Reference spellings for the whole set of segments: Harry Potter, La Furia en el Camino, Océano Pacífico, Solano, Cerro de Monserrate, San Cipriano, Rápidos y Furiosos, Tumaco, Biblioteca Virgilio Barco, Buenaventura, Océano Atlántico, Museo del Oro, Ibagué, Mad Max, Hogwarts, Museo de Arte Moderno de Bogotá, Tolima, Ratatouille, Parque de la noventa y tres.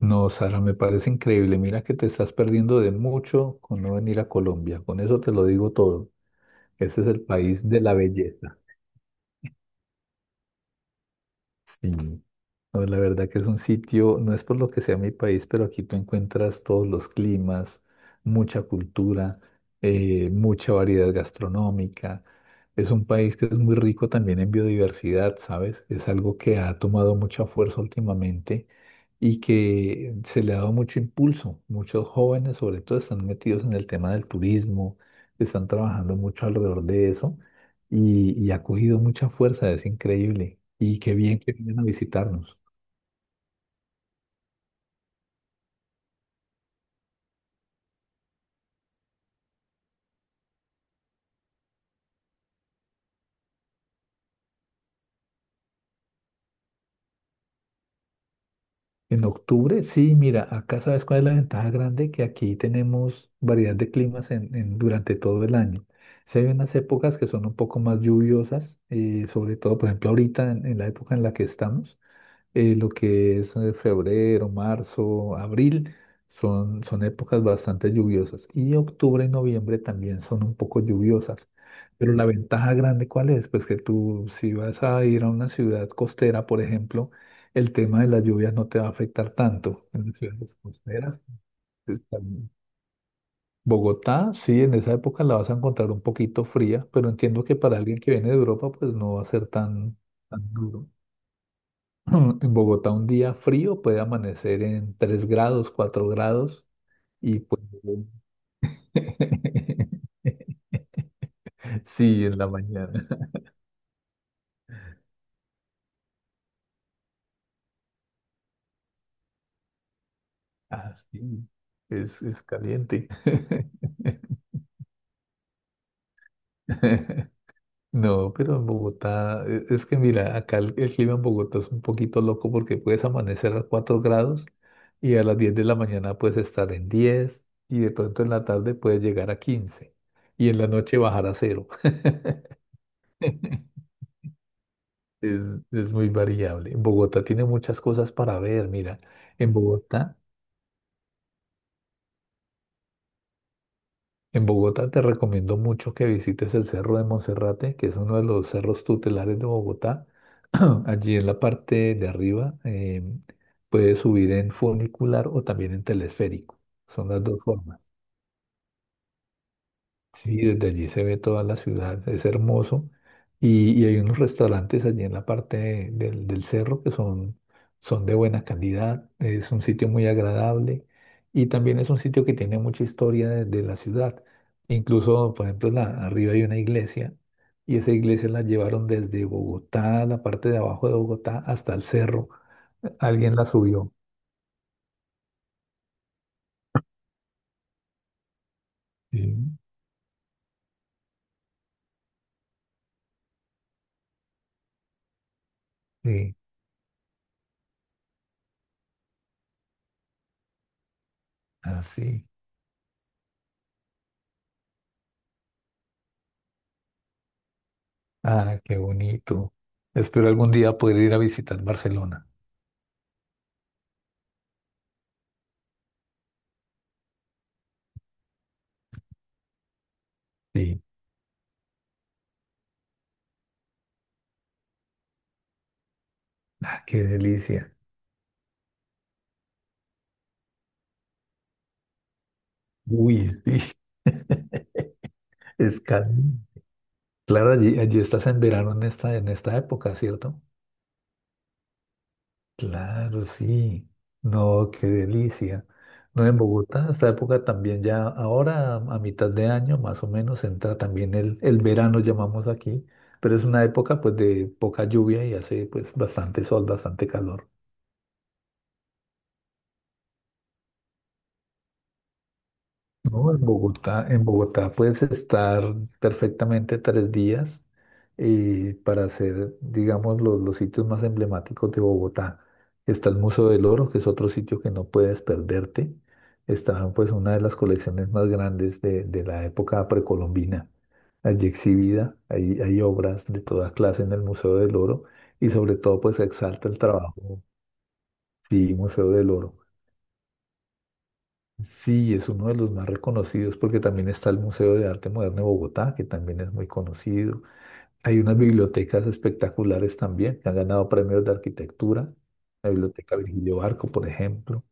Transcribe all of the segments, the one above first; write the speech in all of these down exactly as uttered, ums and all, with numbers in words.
No, Sara, me parece increíble. Mira que te estás perdiendo de mucho con no venir a Colombia. Con eso te lo digo todo. Ese es el país de la belleza. Sí. No, la verdad que es un sitio, no es por lo que sea mi país, pero aquí tú encuentras todos los climas, mucha cultura, eh, mucha variedad gastronómica. Es un país que es muy rico también en biodiversidad, ¿sabes? Es algo que ha tomado mucha fuerza últimamente y que se le ha dado mucho impulso. Muchos jóvenes, sobre todo, están metidos en el tema del turismo, están trabajando mucho alrededor de eso y, y ha cogido mucha fuerza, es increíble. Y qué bien que vienen a visitarnos. En octubre, sí, mira, acá sabes cuál es la ventaja grande, que aquí tenemos variedad de climas en, en- durante todo el año. Sí hay unas épocas que son un poco más lluviosas, eh, sobre todo, por ejemplo, ahorita en, en la época en la que estamos eh, lo que es eh, febrero, marzo, abril, son, son épocas bastante lluviosas. Y octubre y noviembre también son un poco lluviosas. Pero la ventaja grande, ¿cuál es? Pues que tú, si vas a ir a una ciudad costera, por ejemplo, el tema de las lluvias no te va a afectar tanto en las ciudades costeras. Está Bogotá, sí, en esa época la vas a encontrar un poquito fría, pero entiendo que para alguien que viene de Europa, pues no va a ser tan, tan duro. En Bogotá un día frío puede amanecer en tres grados, cuatro grados y pues sí, en la mañana. Ah, sí, es, es caliente. No, pero en Bogotá, e- es que mira, acá el, el clima en Bogotá es un poquito loco porque puedes amanecer a cuatro grados y a las diez de la mañana puedes estar en diez y de pronto en la tarde puedes llegar a quince y en la noche bajar a cero. Es, es muy variable. Bogotá tiene muchas cosas para ver. Mira, en Bogotá, en Bogotá te recomiendo mucho que visites el Cerro de Monserrate, que es uno de los cerros tutelares de Bogotá. Allí en la parte de arriba eh, puedes subir en funicular o también en telesférico. Son las dos formas. Sí, desde allí se ve toda la ciudad, es hermoso. Y, y hay unos restaurantes allí en la parte de- del, del cerro que son, son de buena calidad, es un sitio muy agradable y también es un sitio que tiene mucha historia de, de la ciudad. Incluso, por ejemplo, la- arriba hay una iglesia y esa iglesia la llevaron desde Bogotá, la parte de abajo de Bogotá, hasta el cerro. Alguien la subió. Sí, sí, así. Ah, qué bonito. Espero algún día poder ir a visitar Barcelona. Sí, ah, qué delicia. Uy, sí, es caro. Claro, allí, allí estás en verano en esta, en esta época, ¿cierto? Claro, sí. No, qué delicia. No, en Bogotá, esta época también ya, ahora a mitad de año más o menos entra también el, el verano, llamamos aquí, pero es una época pues de poca lluvia y hace pues bastante sol, bastante calor. No, en Bogotá, en Bogotá puedes estar perfectamente tres días eh, para hacer, digamos, los, los sitios más emblemáticos de Bogotá. Está el Museo del Oro, que es otro sitio que no puedes perderte. Está, pues, una de las colecciones más grandes de, de la época precolombina. Allí exhibida, hay, hay obras de toda clase en el Museo del Oro y sobre todo, pues, se exalta el trabajo, sí, Museo del Oro. Sí, es uno de los más reconocidos porque también está el Museo de Arte Moderno de Bogotá, que también es muy conocido. Hay unas bibliotecas espectaculares también que han ganado premios de arquitectura. La Biblioteca Virgilio Barco, por ejemplo.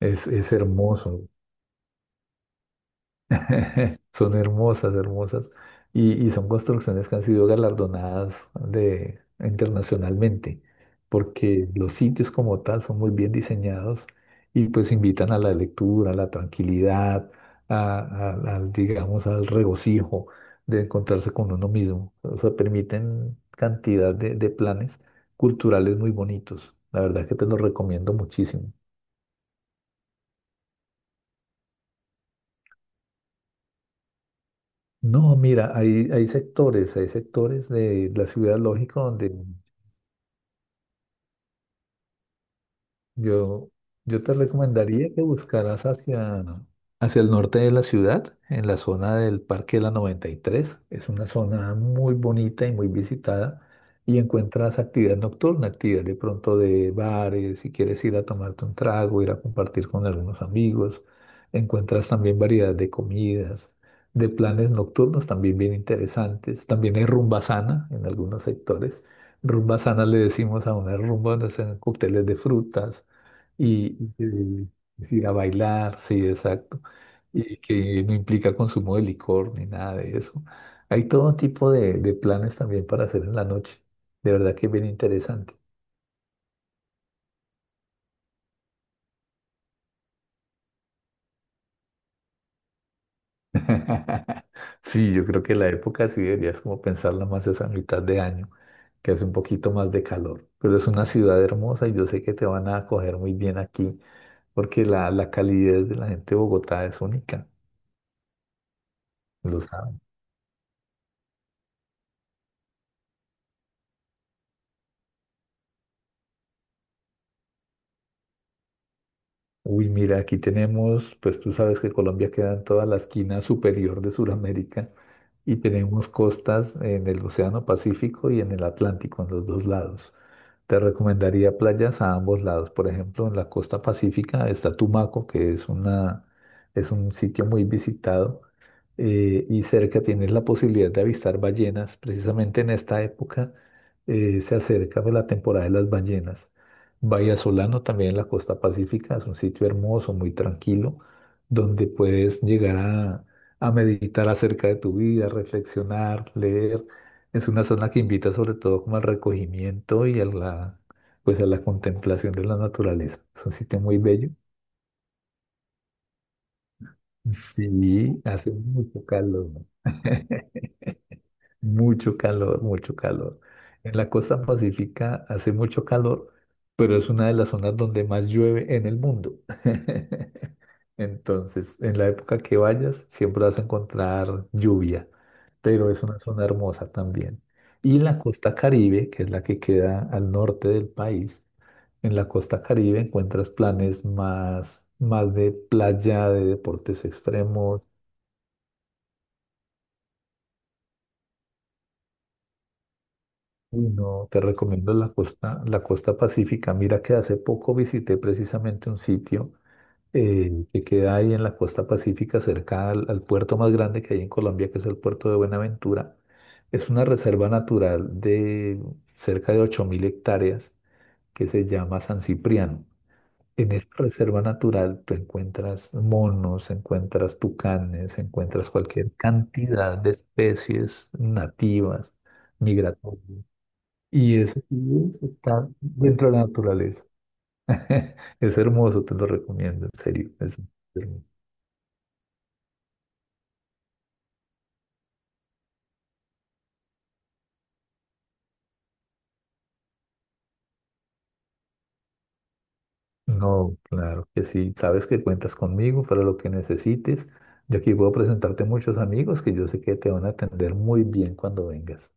Es, es hermoso. Son hermosas, hermosas. Y, y son construcciones que han sido galardonadas de, internacionalmente, porque los sitios como tal son muy bien diseñados y pues invitan a la lectura, a la tranquilidad, a- a- al, digamos, al regocijo de encontrarse con uno mismo. O sea, permiten cantidad de, de planes culturales muy bonitos. La verdad que te los recomiendo muchísimo. No, mira, hay, hay sectores, hay sectores de la ciudad, lógico, donde, Yo, yo te recomendaría que buscaras hacia, hacia el norte de la ciudad, en la zona del Parque de la noventa y tres. Es una zona muy bonita y muy visitada y encuentras actividad nocturna, actividad de pronto de bares, si quieres ir a tomarte un trago, ir a compartir con algunos amigos. Encuentras también variedad de comidas, de planes nocturnos también bien interesantes. También hay rumba sana en algunos sectores. Rumba sana le decimos a una rumba donde hacen cócteles de frutas y, y, es ir a bailar, sí, exacto, y que no implica consumo de licor ni nada de eso. Hay todo tipo de, de planes también para hacer en la noche. De verdad que es bien interesante. Sí, yo creo que la época sí deberías como pensarla más esa mitad de año, que hace un poquito más de calor. Pero es una ciudad hermosa y yo sé que te van a acoger muy bien aquí, porque la, la calidez de la gente de Bogotá es única, lo saben. Uy, mira, aquí tenemos, pues tú sabes que Colombia queda en toda la esquina superior de Sudamérica y tenemos costas en el Océano Pacífico y en el Atlántico, en los dos lados. Te recomendaría playas a ambos lados. Por ejemplo, en la costa pacífica está Tumaco, que es una, es un sitio muy visitado eh, y cerca tienes la posibilidad de avistar ballenas. Precisamente en esta época eh, se acerca pues, la temporada de las ballenas. Solano también en la costa pacífica, es un sitio hermoso, muy tranquilo, donde puedes llegar a, a meditar acerca de tu vida, reflexionar, leer. Es una zona que invita sobre todo como al recogimiento y a la, pues a la contemplación de la naturaleza. Es un sitio muy bello. Sí, hace mucho calor, ¿no? Mucho calor, mucho calor. En la costa pacífica hace mucho calor, pero es una de las zonas donde más llueve en el mundo. Entonces, en la época que vayas, siempre vas a encontrar lluvia, pero es una zona hermosa también. Y la costa Caribe, que es la que queda al norte del país, en la costa Caribe encuentras planes más, más de playa, de deportes extremos. Uy, no, te recomiendo la costa, la costa pacífica. Mira que hace poco visité precisamente un sitio eh, que queda ahí en la costa pacífica, cerca al, al puerto más grande que hay en Colombia, que es el puerto de Buenaventura. Es una reserva natural de cerca de ocho mil hectáreas que se llama San Cipriano. En esta reserva natural tú encuentras monos, encuentras tucanes, encuentras cualquier cantidad de especies nativas, migratorias. Y eso sí es estar dentro de la naturaleza. Es hermoso, te lo recomiendo, en serio. Es hermoso. No, claro que sí. Sabes que cuentas conmigo para lo que necesites. Yo aquí puedo presentarte muchos amigos que yo sé que te van a atender muy bien cuando vengas.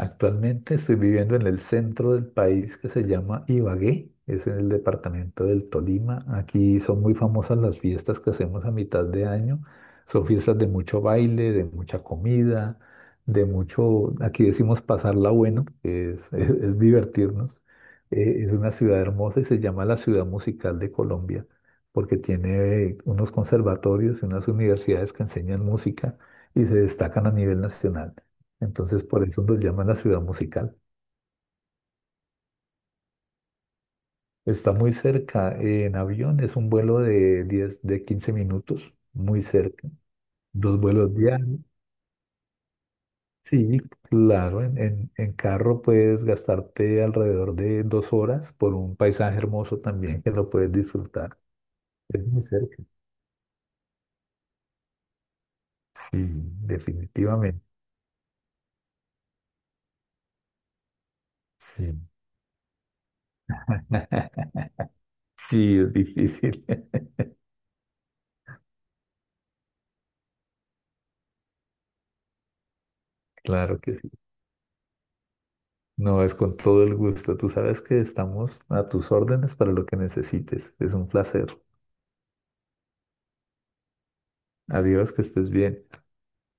Actualmente estoy viviendo en el centro del país que se llama Ibagué, es en el departamento del Tolima. Aquí son muy famosas las fiestas que hacemos a mitad de año. Son fiestas de mucho baile, de mucha comida, de mucho, aquí decimos pasarla bueno, que es, es- es divertirnos. Eh, es una ciudad hermosa y se llama la Ciudad Musical de Colombia porque tiene unos conservatorios y unas universidades que enseñan música y se destacan a nivel nacional. Entonces, por eso nos llaman la ciudad musical. Está muy cerca, eh, en avión es un vuelo de diez, de quince minutos, muy cerca. Dos vuelos diarios. Sí, claro, en, en, en carro puedes gastarte alrededor de dos horas por un paisaje hermoso también que lo puedes disfrutar. Es muy cerca. Sí, definitivamente. Sí. Sí, es difícil. Claro que sí. No, es con todo el gusto. Tú sabes que estamos a tus órdenes para lo que necesites. Es un placer. Adiós, que estés bien.